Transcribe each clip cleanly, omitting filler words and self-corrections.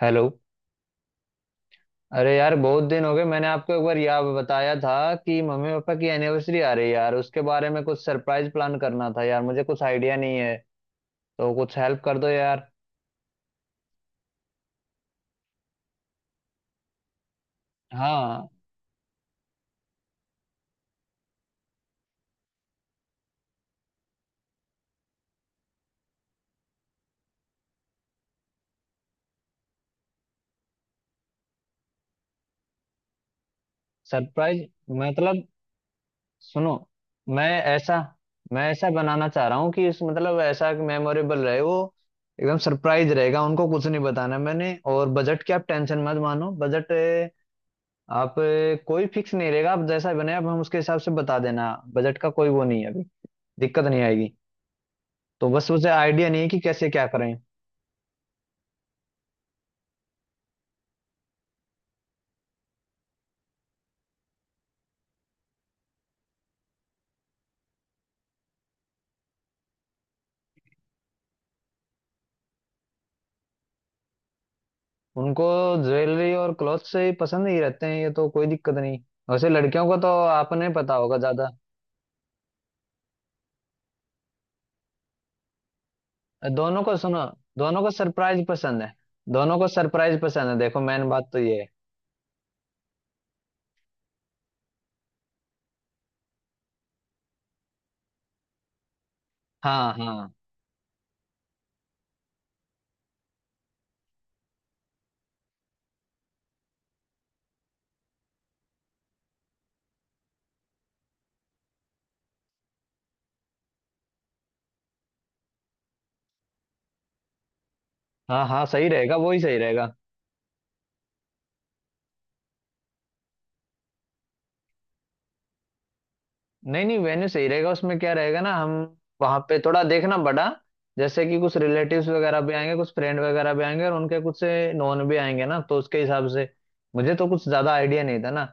Hello. अरे यार बहुत दिन हो गए। मैंने आपको एक बार याद बताया था कि मम्मी पापा की एनिवर्सरी आ रही है यार। उसके बारे में कुछ सरप्राइज प्लान करना था यार, मुझे कुछ आइडिया नहीं है। तो कुछ हेल्प कर दो यार। हाँ, सरप्राइज मतलब सुनो। मैं ऐसा मैं ऐसा बनाना चाह रहा हूँ कि इस मतलब ऐसा मेमोरेबल रहे वो। एकदम सरप्राइज रहेगा, उनको कुछ नहीं बताना मैंने। और बजट की आप टेंशन मत मानो। बजट आप कोई फिक्स नहीं रहेगा। आप जैसा बने आप, हम उसके हिसाब से बता देना। बजट का कोई वो नहीं है अभी, दिक्कत नहीं आएगी। तो बस उसे आइडिया नहीं है कि कैसे क्या करें। उनको ज्वेलरी और क्लॉथ से ही पसंद ही रहते हैं, ये तो कोई दिक्कत नहीं। वैसे लड़कियों को तो आपने पता होगा ज्यादा। दोनों को सुनो, दोनों को सरप्राइज पसंद है। दोनों को सरप्राइज पसंद है, देखो मेन बात तो ये है। हाँ। हाँ हाँ, हाँ सही रहेगा, वही सही रहेगा। नहीं नहीं, वेन्यू सही रहेगा। उसमें क्या रहेगा ना, हम वहां पे थोड़ा देखना बड़ा। जैसे कि कुछ रिलेटिव्स वगैरह भी आएंगे, कुछ फ्रेंड वगैरह भी आएंगे, और उनके कुछ से नॉन भी आएंगे ना, तो उसके हिसाब से मुझे तो कुछ ज्यादा आइडिया नहीं था ना।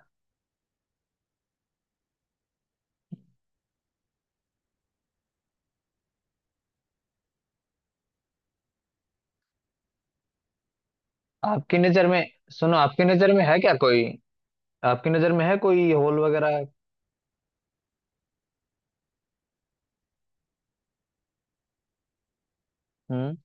आपकी नजर में सुनो, आपकी नजर में है क्या कोई? आपकी नजर में है कोई हॉल वगैरह? हम्म।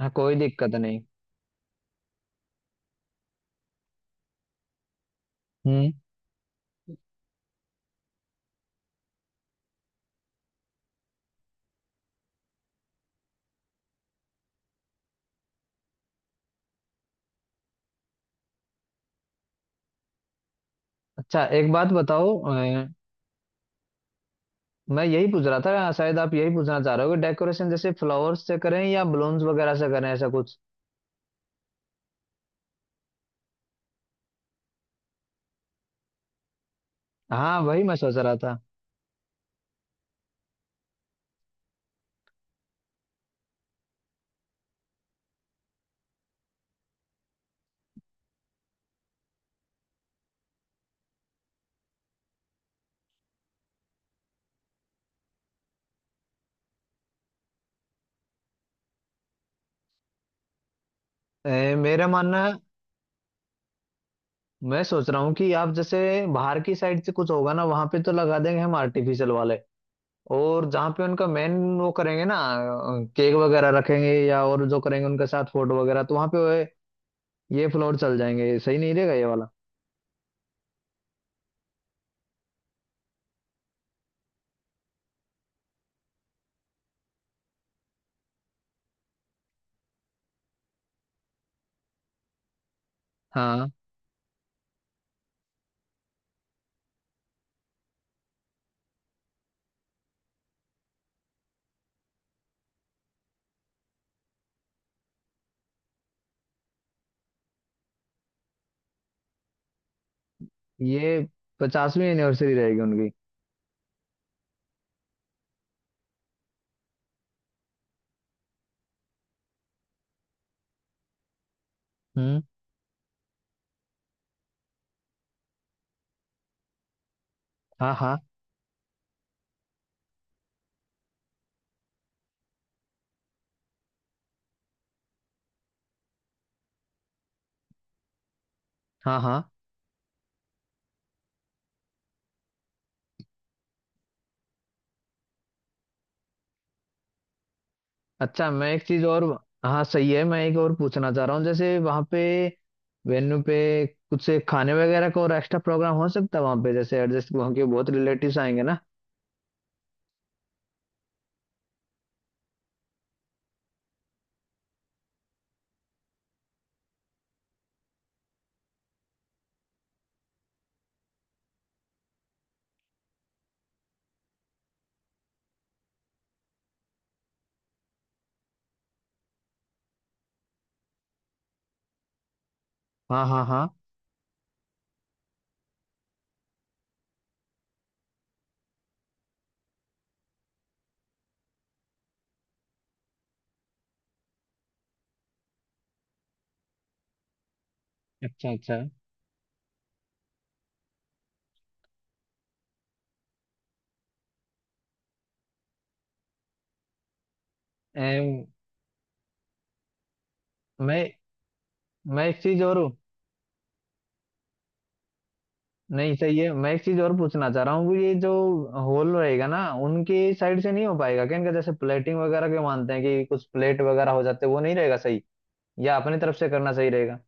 हाँ कोई दिक्कत नहीं। हम्म। अच्छा एक बात बताओ। अ, मैं यही पूछ रहा था, शायद आप यही पूछना चाह रहे हो कि डेकोरेशन जैसे फ्लावर्स से करें या बलून्स वगैरह से करें, ऐसा कुछ। हाँ वही मैं सोच रहा था। मेरा मानना है, मैं सोच रहा हूँ कि आप जैसे बाहर की साइड से कुछ होगा ना वहां पे तो लगा देंगे हम आर्टिफिशियल वाले। और जहाँ पे उनका मेन वो करेंगे ना, केक वगैरह रखेंगे या और जो करेंगे, उनके साथ फोटो वगैरह, तो वहां पे ये फ्लोर चल जाएंगे। सही नहीं रहेगा ये वाला। हाँ। ये पचासवीं एनिवर्सरी रहेगी उनकी। हम्म। हाँ हाँ। हाँ हाँ। अच्छा मैं एक चीज और। हाँ सही है, मैं एक और पूछना चाह रहा हूँ। जैसे वहाँ पे वेन्यू पे कुछ खाने वगैरह का और एक्स्ट्रा प्रोग्राम हो सकता है वहाँ पे, जैसे एडजस्ट वहाँ के बहुत रिलेटिव्स आएंगे ना। हाँ हाँ हाँ। अच्छा अच्छा। एम, मैं मैं एक चीज और। नहीं सही है, मैं एक चीज और पूछना चाह रहा हूँ। ये जो हॉल रहेगा ना, उनके साइड से नहीं हो पाएगा क्या इनका, जैसे प्लेटिंग वगैरह के मानते हैं कि कुछ प्लेट वगैरह हो जाते हैं, वो नहीं रहेगा सही, या अपनी तरफ से करना सही रहेगा?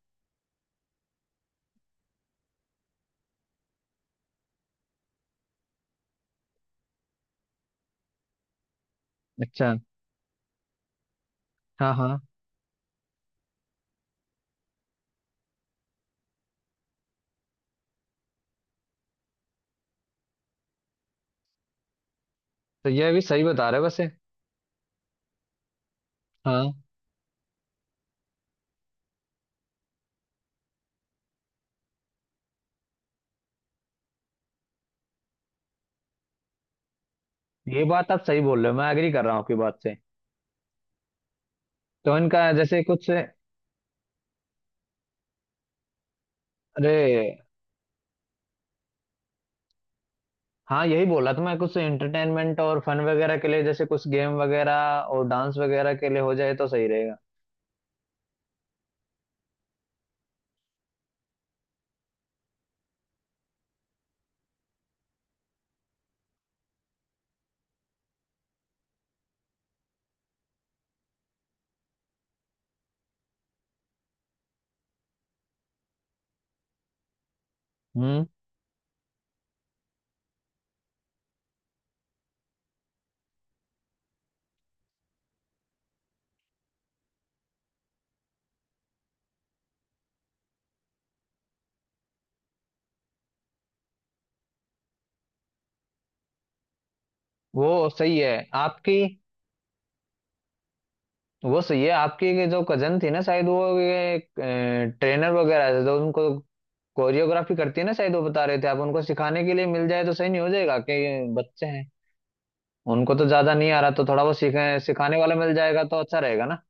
अच्छा। हाँ हाँ, तो यह भी सही बता रहे हो वैसे। हाँ, ये बात आप सही बोल रहे हो, मैं एग्री कर रहा हूँ आपकी बात से। तो इनका जैसे कुछ। अरे, हाँ यही बोला था मैं। कुछ एंटरटेनमेंट और फन वगैरह के लिए, जैसे कुछ गेम वगैरह और डांस वगैरह के लिए हो जाए तो सही रहेगा। हम्म। वो सही है आपकी। वो सही है, आपकी ये जो कजन थी ना, शायद वो ये ट्रेनर वगैरह थे जो उनको कोरियोग्राफी करती है ना, शायद वो बता रहे थे। आप उनको सिखाने के लिए मिल जाए तो सही नहीं हो जाएगा? कि ये बच्चे हैं, उनको तो ज्यादा नहीं आ रहा, तो थोड़ा वो सीखे सिखाने वाला मिल जाएगा तो अच्छा रहेगा ना।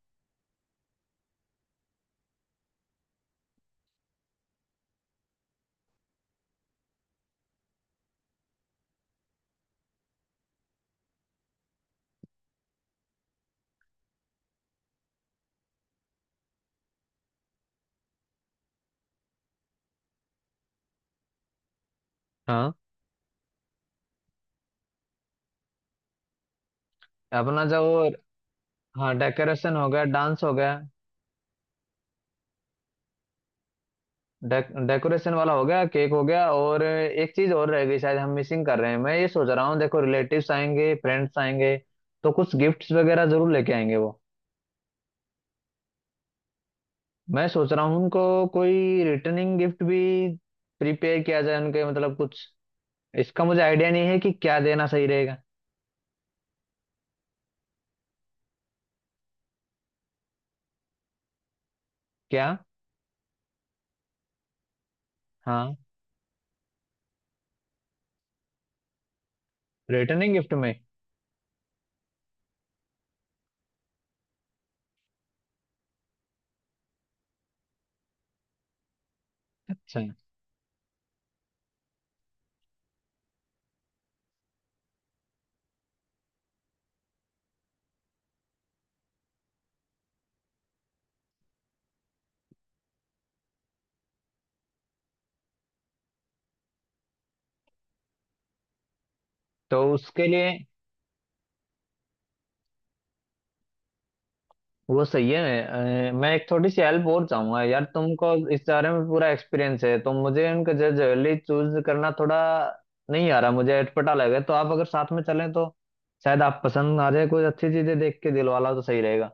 हाँ। अपना जो वो। हाँ डेकोरेशन हो गया, डांस हो गया। डे, डेकोरेशन वाला हो गया, केक हो गया, और एक चीज और रह गई शायद, हम मिसिंग कर रहे हैं। मैं ये सोच रहा हूँ, देखो रिलेटिव्स आएंगे, फ्रेंड्स आएंगे, तो कुछ गिफ्ट्स वगैरह जरूर लेके आएंगे वो। मैं सोच रहा हूँ उनको कोई रिटर्निंग गिफ्ट भी प्रिपेयर किया जाए उनके। मतलब कुछ इसका मुझे आइडिया नहीं है कि क्या देना सही रहेगा। क्या? हाँ रिटर्निंग गिफ्ट में। अच्छा। तो उसके लिए वो सही है। मैं एक थोड़ी सी हेल्प और चाहूंगा यार, तुमको इस बारे में पूरा एक्सपीरियंस है। तो मुझे उनका जल्दी चूज करना थोड़ा नहीं आ रहा, मुझे अटपटा लगे, तो आप अगर साथ में चलें तो शायद आप पसंद आ जाए, कुछ अच्छी चीजें देख के दिलवाला तो सही रहेगा।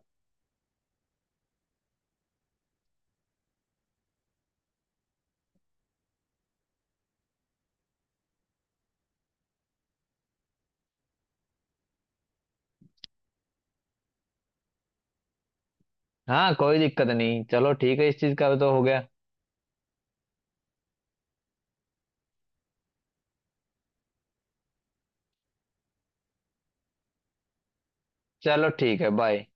हाँ कोई दिक्कत नहीं। चलो ठीक है, इस चीज का भी तो हो गया। चलो ठीक है, बाय।